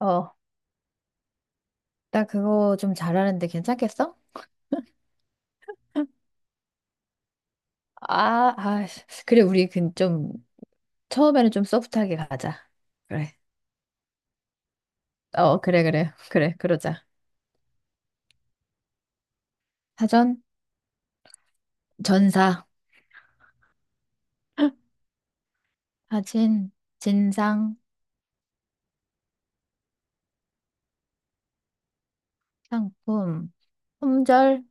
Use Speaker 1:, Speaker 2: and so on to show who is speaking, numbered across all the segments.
Speaker 1: 어, 나 그거 좀 잘하는데 괜찮겠어? 아, 아, 그래, 우리 그 좀, 처음에는 좀 소프트하게 가자. 그래. 어, 그래, 그래. 그래, 그러자. 사전, 전사, 사진, 진상, 상품, 품절.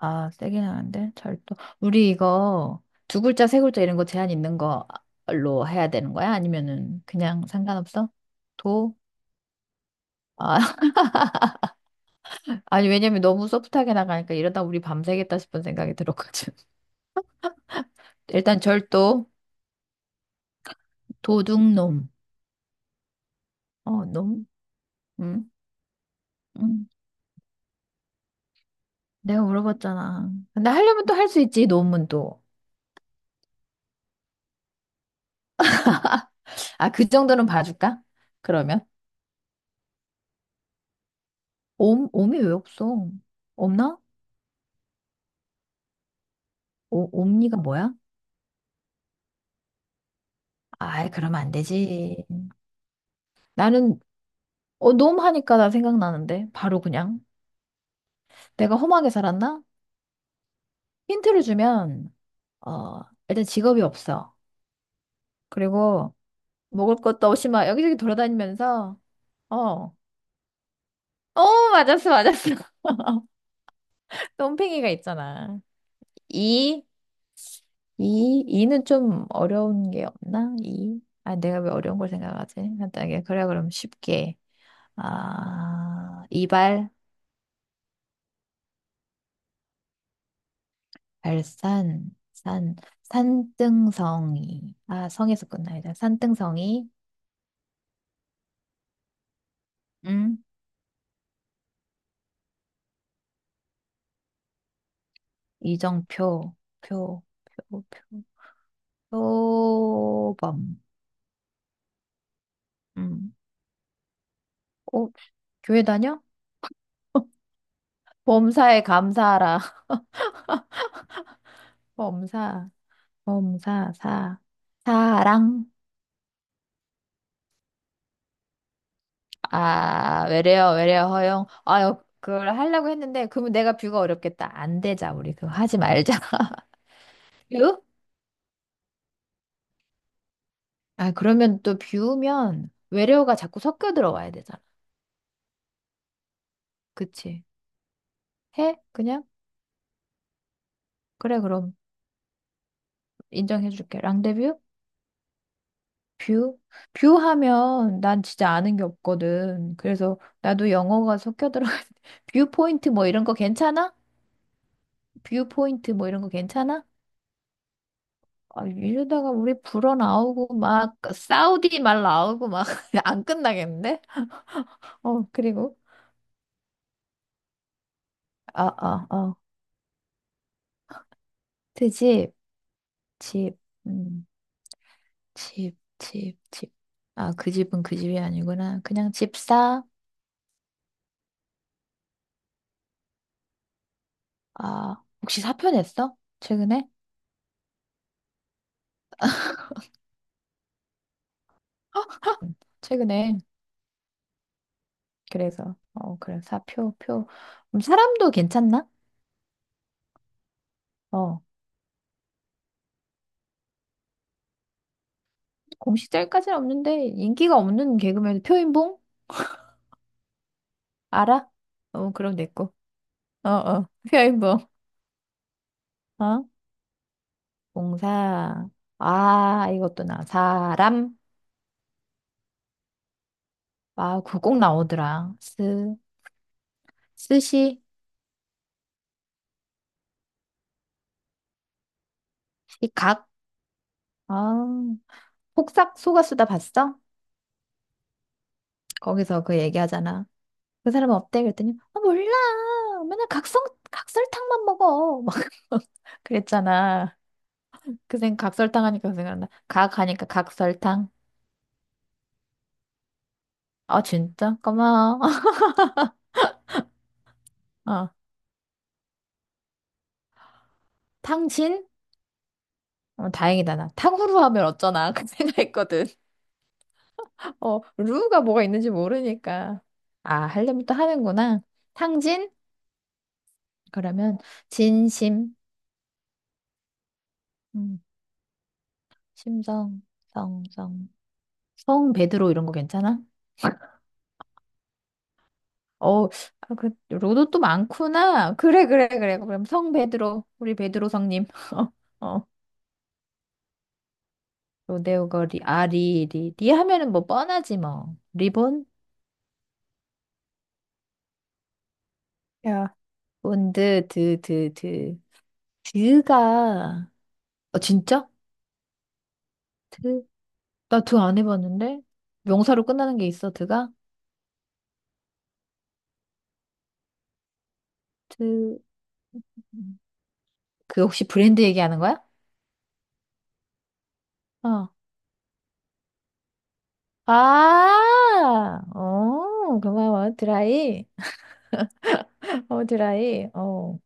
Speaker 1: 아, 세긴 하는데, 절도. 우리 이거 두 글자, 세 글자 이런 거 제한 있는 걸로 해야 되는 거야? 아니면은 그냥 상관없어? 도? 아, 아니, 왜냐면 너무 소프트하게 나가니까 이러다 우리 밤새겠다 싶은 생각이 들었거든. 일단 절도, 도둑놈. 어, 놈? 응? 응, 내가 물어봤잖아. 근데 하려면 또 할 수 있지, 놈은 또. 아, 그 정도는 봐줄까? 그러면? 옴, 옴이 왜 없어? 없나? 오, 옴니가 뭐야? 아이, 그러면 안 되지. 나는, 어, 놈 하니까 나 생각나는데. 바로 그냥. 내가 험하게 살았나? 힌트를 주면, 어, 일단 직업이 없어. 그리고 먹을 것도 없이 막 여기저기 돌아다니면서, 어, 어, 맞았어, 맞았어. 똥팽이가 있잖아. 이, 이, 이는 좀 어려운 게 없나? 이. 아, 내가 왜 어려운 걸 생각하지? 간단하게. 그래, 그럼 쉽게. 아, 이발, 발산, 산, 산등성이. 아, 성에서 끝나야 산등성이, 응, 이정표, 표, 표, 표, 표범. 음. 어, 교회 다녀? 범사에 감사하라. 범사, 범사, 사, 사랑. 아, 외래어, 외래어 허용. 아, 그걸 하려고 했는데, 그러면 내가 뷰가 어렵겠다. 안 되자, 우리. 그거 하지 말자. 뷰? 아, 그러면 또 뷰면 외래어가 자꾸 섞여 들어와야 되잖아. 그치? 해? 그냥? 그래, 그럼 인정해줄게. 랑데뷰? 뷰? 뷰 하면 난 진짜 아는 게 없거든. 그래서 나도 영어가 섞여 들어가. 뷰 포인트 뭐 이런 거 괜찮아? 뷰 포인트 뭐 이런 거 괜찮아? 아, 이러다가 우리 불어 나오고 막 사우디 말 나오고 막 안 끝나겠는데? 어, 그리고 아아 아, 그 집, 집집집집집아 그 집은 그 집이 아니구나. 그냥 집사. 아, 혹시 사표 냈어? 최근에? 최근에, 그래서 어, 그래, 사표, 표. 사람도 괜찮나? 어. 공식 짤까지는 없는데 인기가 없는 개그맨 표인봉. 알아? 어, 그럼 내고. 어어 표인봉. 어? 동사. 아, 이것도 나. 사람. 아, 그거 꼭 나오더라. 스, 스시, 시각. 아, 폭삭 속았수다 봤어? 거기서 그 얘기하잖아. 그 사람은 어때? 그랬더니, 아, 몰라. 맨날 각성, 각설탕만 먹어. 막 그랬잖아. 그 생, 각설탕 하니까 그 생각나. 각 하니까 각설탕. 아, 진짜? 고마워. 어, 탕진? 어, 다행이다, 나. 탕후루 하면 어쩌나. 그 생각했거든. 어, 루가 뭐가 있는지 모르니까. 아, 하려면 또 하는구나. 탕진? 그러면 진심, 음, 심성, 성, 성, 성 베드로 이런 거 괜찮아? 어, 아, 그 로도 또 많구나. 그래, 그래, 그래. 그럼 성 베드로, 우리 베드로 성님. 어, 어. 로데오 거리, 아, 리, 리. 리 하면은 뭐 뻔하지 뭐. 리본? 야, 본드, 드, 드, 드. 드가, 어, 진짜? 나 드 안 해봤는데? 명사로 끝나는 게 있어, 드가? 드, 그 혹시 브랜드 얘기하는 거야? 어. 아, 어, 고마워. 드라이. 어, 드라이. 어.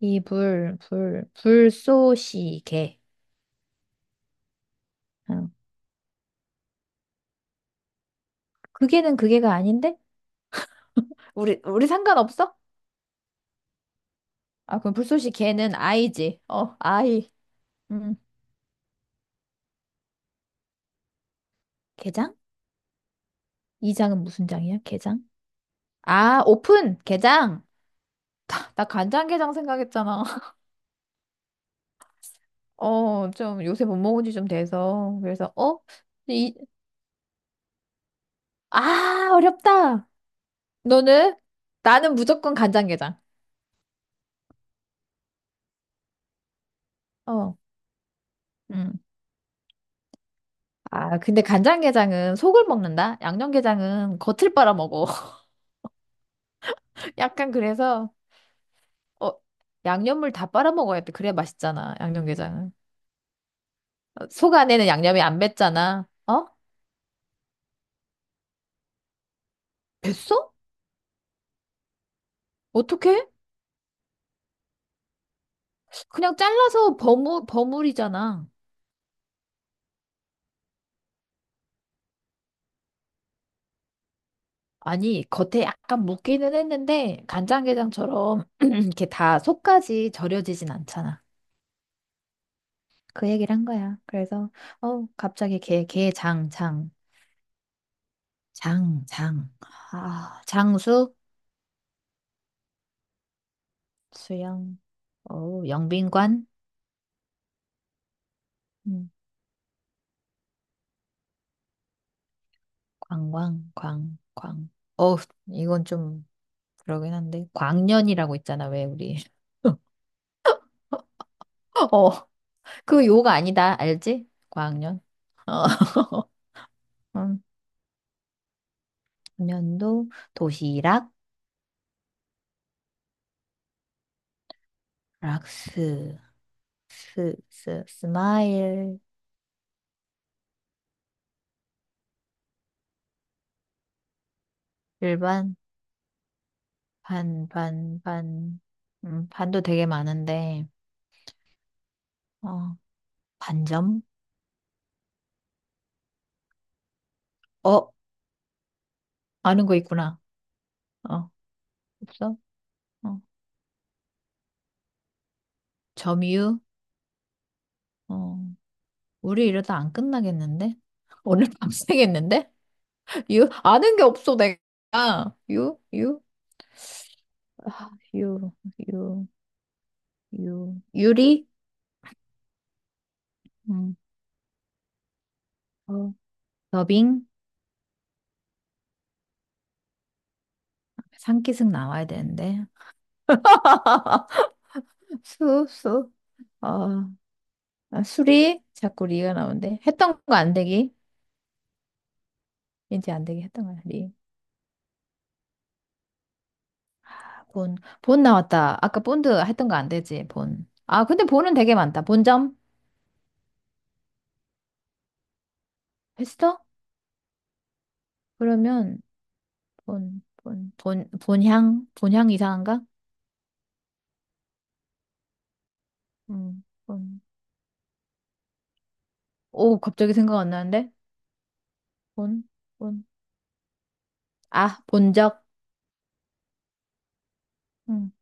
Speaker 1: 이 불, 불, 불쏘시개. 어. 그게는 그게가 아닌데? 우리, 우리 상관없어? 아, 그럼 불쏘시개는 아이지. 어, 아이. 음. 게장? 이 장은 무슨 장이야? 게장? 아, 오픈! 게장! 나, 나 간장게장 생각했잖아. 어, 좀 요새 못 먹은 지 좀 돼서. 그래서, 어? 이, 아, 어렵다. 너는? 나는 무조건 간장게장. 어. 음. 아, 근데 간장게장은 속을 먹는다? 양념게장은 겉을 빨아먹어. 약간 그래서, 어, 양념물 다 빨아먹어야 돼. 그래야 맛있잖아, 양념게장은. 어, 속 안에는 양념이 안 뱄잖아. 어? 뱄어? 어떻게? 그냥 잘라서 버무리잖아. 아니, 겉에 약간 묻기는 했는데, 간장게장처럼 이렇게 다 속까지 절여지진 않잖아. 그 얘기를 한 거야. 그래서, 어, 갑자기 게, 게, 장, 장, 장, 장. 아, 장수, 수영, 어, 영빈관, 음, 광광, 광, 광. 어, 이건 좀 그러긴 한데. 광년이라고 있잖아, 왜 우리. 어, 그 요가 아니다, 알지? 광년. 어. 연도, 도시락, 락스, 스, 스, 스마일, 일반, 반, 반, 반. 반도 되게 많은데. 어, 반점. 어, 아는 거 있구나. 어, 없어. 어, 점유. 어, 우리 이러다 안 끝나겠는데. 오늘 밤새겠는데. 유, 아는 게 없어 내가. 유, 유, 아, 유, 유, 유, 유리. 음, 어, 더빙. 상기승 나와야 되는데. 수, 수. 어, 아, 수리? 자꾸 리가 나오는데. 했던 거 안 되기? 이제 안 되기 했던 거야, 리. 아, 본. 본 나왔다. 아까 본드 했던 거 안 되지, 본. 아, 근데 본은 되게 많다. 본점? 했어? 그러면, 본, 본, 본, 본향? 본향 이상한가? 본. 오, 갑자기 생각 안 나는데? 본, 본. 아, 본적? 음,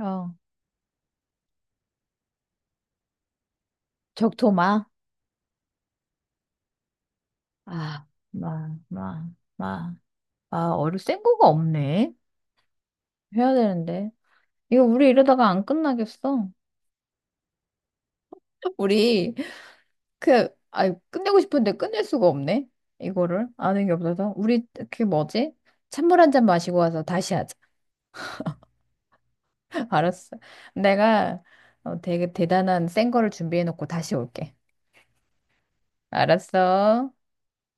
Speaker 1: 어. 적토마? 아, 마, 마, 마. 아, 어류 센 거가 없네. 해야 되는데. 이거 우리 이러다가 안 끝나겠어. 우리 그, 아, 끝내고 싶은데 끝낼 수가 없네. 이거를 아는 게 없어서. 우리 그 뭐지? 찬물 한 잔 마시고 와서 다시 하자. 알았어. 내가 어, 되게 대단한 센 거를 준비해 놓고 다시 올게. 알았어.